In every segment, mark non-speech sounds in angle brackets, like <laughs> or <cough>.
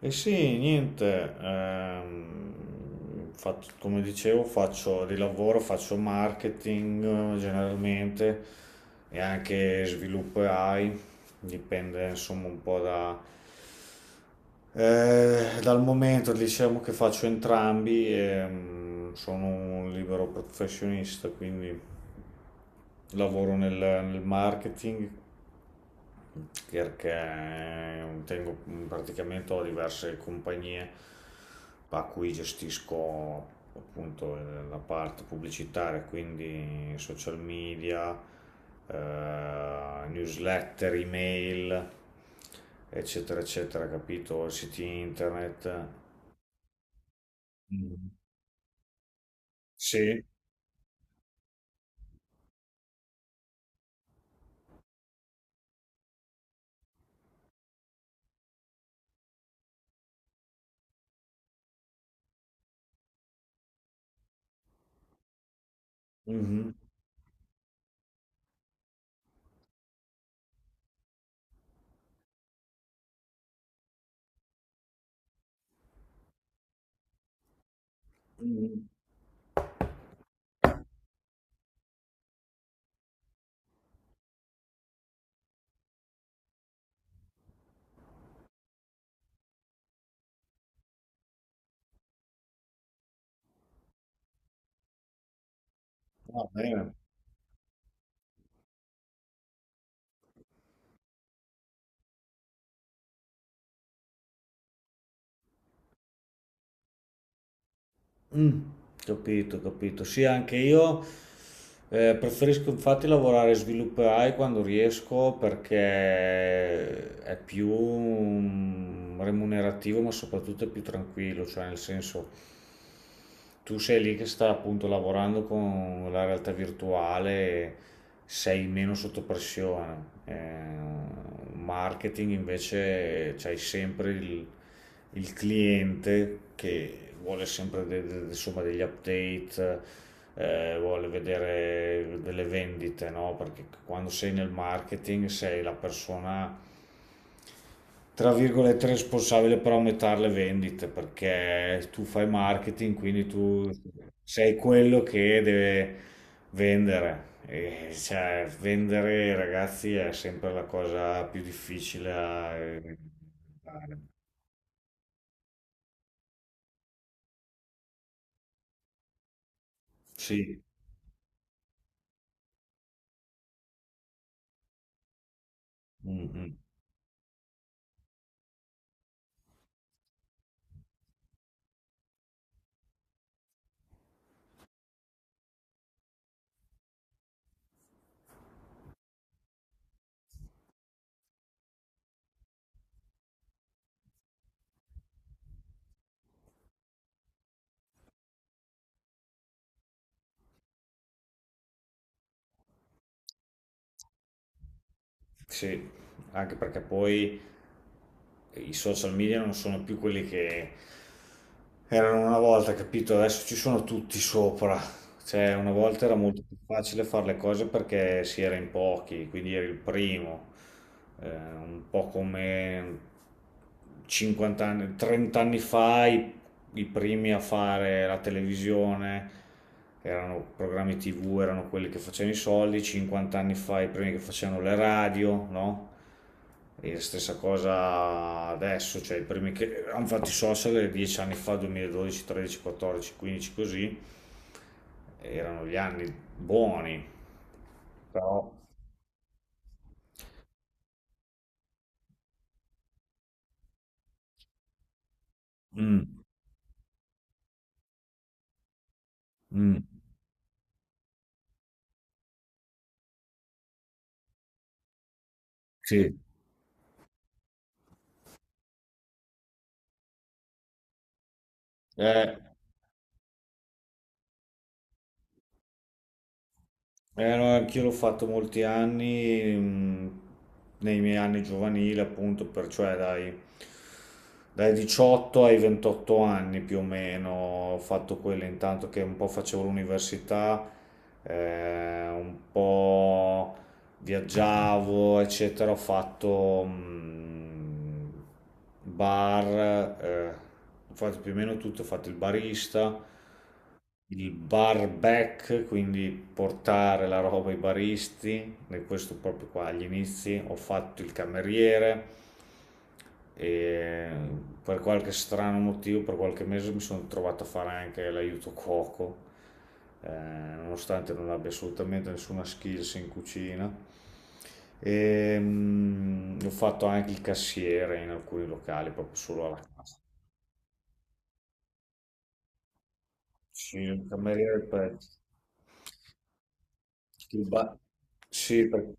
E sì, niente, come dicevo, faccio di lavoro, faccio marketing generalmente e anche sviluppo AI, dipende insomma un po' da, dal momento, diciamo che faccio entrambi e sono un libero professionista, quindi lavoro nel marketing perché tengo, praticamente ho diverse compagnie a cui gestisco appunto la parte pubblicitaria, quindi social media, newsletter, email, eccetera, eccetera, capito? Siti internet. Mm. Sì. Mhm. Mm. Va bene. Mm, capito, capito. Sì, anche io preferisco infatti lavorare svilupperai quando riesco perché è più remunerativo, ma soprattutto è più tranquillo, cioè nel senso tu sei lì che sta appunto lavorando con la realtà virtuale, e sei meno sotto pressione. Marketing invece c'hai sempre il cliente che vuole sempre insomma, degli update, vuole vedere delle vendite, no? Perché quando sei nel marketing sei la persona, tra virgolette, responsabile per aumentare le vendite, perché tu fai marketing, quindi tu sei quello che deve vendere. E, cioè, vendere, ragazzi, è sempre la cosa più difficile. Da- Sì. Mm, mm. Sì, anche perché poi i social media non sono più quelli che erano una volta, capito? Adesso ci sono tutti sopra. Cioè, una volta era molto più facile fare le cose perché si era in pochi, quindi eri il primo. Un po' come 50 anni, 30 anni fa i primi a fare la televisione erano programmi TV, erano quelli che facevano i soldi, 50 anni fa i primi che facevano le radio, no? E la stessa cosa adesso, cioè i primi che hanno fatto i social 10 anni fa, 2012, 13, 14, 15 così, erano gli anni buoni, però. Mm, mm, sì. Eh, no, anch'io l'ho fatto molti anni, nei miei anni giovanili, appunto, per, cioè dai, dai 18 ai 28 anni più o meno, ho fatto quello intanto che un po' facevo l'università, un po' viaggiavo, eccetera, ho fatto bar, eh, ho fatto più o meno tutto, ho fatto il barista, il bar back, quindi portare la roba ai baristi, e questo proprio qua agli inizi, ho fatto il cameriere e per qualche strano motivo, per qualche mese mi sono trovato a fare anche l'aiuto cuoco, nonostante non abbia assolutamente nessuna skills in cucina. E, ho fatto anche il cassiere in alcuni locali, proprio solo alla casa. Sì, il cameriere e il pezzo. Il ba- Sì,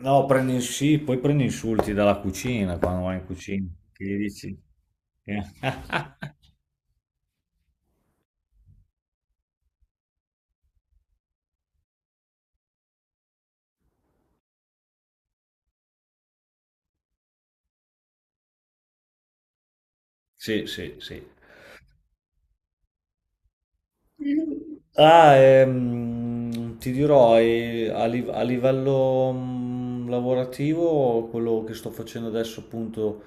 no, prendi, sì, poi prendi insulti dalla cucina quando vai in cucina, che gli dici? Eh. <laughs> Sì, sì, sì. Ah, ti dirò, a livello lavorativo, quello che sto facendo adesso appunto,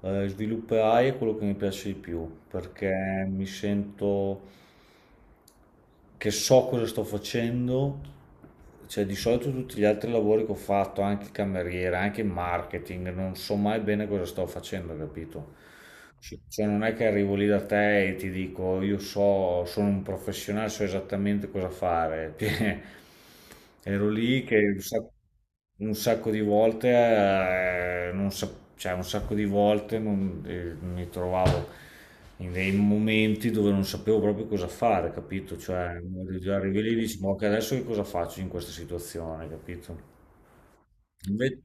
sviluppo AI è quello che mi piace di più, perché mi sento che so cosa sto facendo. Cioè, di solito tutti gli altri lavori che ho fatto, anche il cameriere, anche il marketing, non so mai bene cosa sto facendo, capito? Sì, cioè non è che arrivo lì da te e ti dico io so, sono un professionale, so esattamente cosa fare. <laughs> Cioè, ero lì che un sacco, di volte, non sap- cioè un sacco di volte mi trovavo in dei momenti dove non sapevo proprio cosa fare, capito? Cioè arrivi lì e dici, ma ok, adesso che cosa faccio in questa situazione, capito? Invece.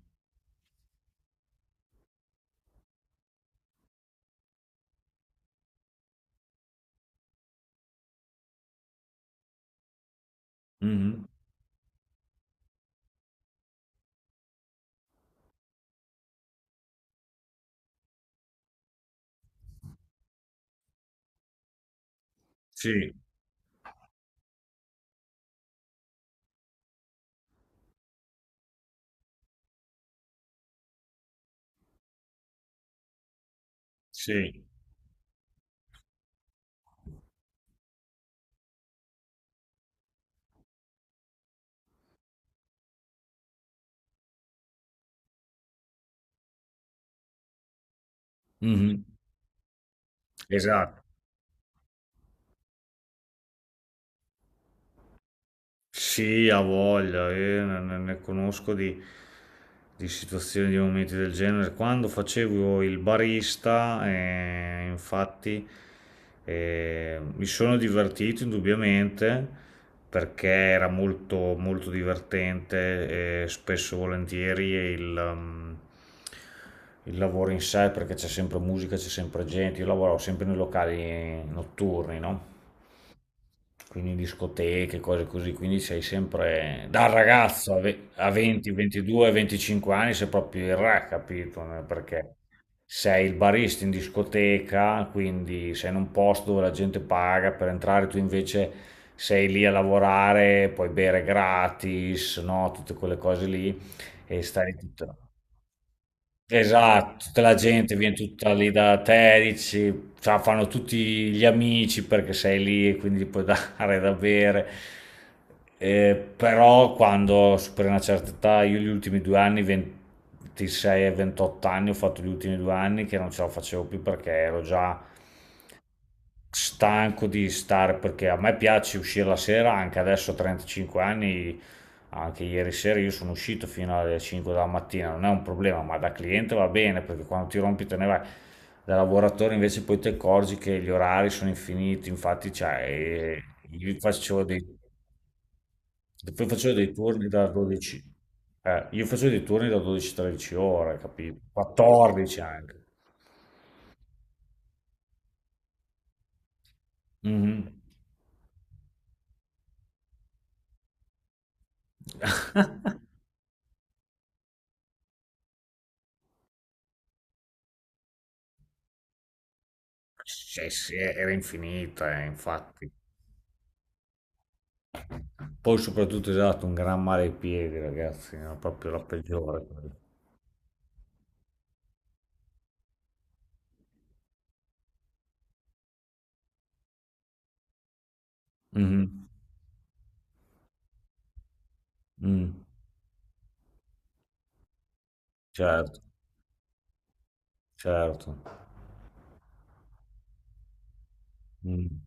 Mhm. Sì, sì. Mhm. Esatto. Sì, ha voglia, ne conosco di situazioni, di momenti del genere. Quando facevo il barista, infatti, mi sono divertito indubbiamente perché era molto, molto divertente e spesso e volentieri il lavoro in sé, perché c'è sempre musica, c'è sempre gente. Io lavoravo sempre nei locali notturni, no? Quindi discoteche, cose così, quindi sei sempre da ragazzo a 20, 22, 25 anni, sei proprio il re, capito? No? Perché sei il barista in discoteca, quindi sei in un posto dove la gente paga per entrare, tu invece sei lì a lavorare, puoi bere gratis, no? Tutte quelle cose lì e stai lì tutto. Esatto, tutta la gente viene tutta lì da te, dici, cioè, fanno tutti gli amici perché sei lì e quindi gli puoi <laughs> dare da bere. Però quando superi una certa età, io gli ultimi 2 anni, 26 e 28 anni, ho fatto gli ultimi 2 anni che non ce la facevo più perché ero già stanco di stare perché a me piace uscire la sera, anche adesso a 35 anni, anche ieri sera io sono uscito fino alle 5 della mattina, non è un problema, ma da cliente va bene perché quando ti rompi te ne vai. Da lavoratore invece poi ti accorgi che gli orari sono infiniti, infatti cioè, io faccio dei, poi facevo dei turni da 12, io facevo dei turni da 12-13 ore, capito? 14 anche. Mhm. <laughs> Cioè, sì, era infinita, infatti. Poi soprattutto esatto, un gran male ai piedi, ragazzi, è proprio la peggiore, quella. Mhm. Mm. Certo, certo. Mm.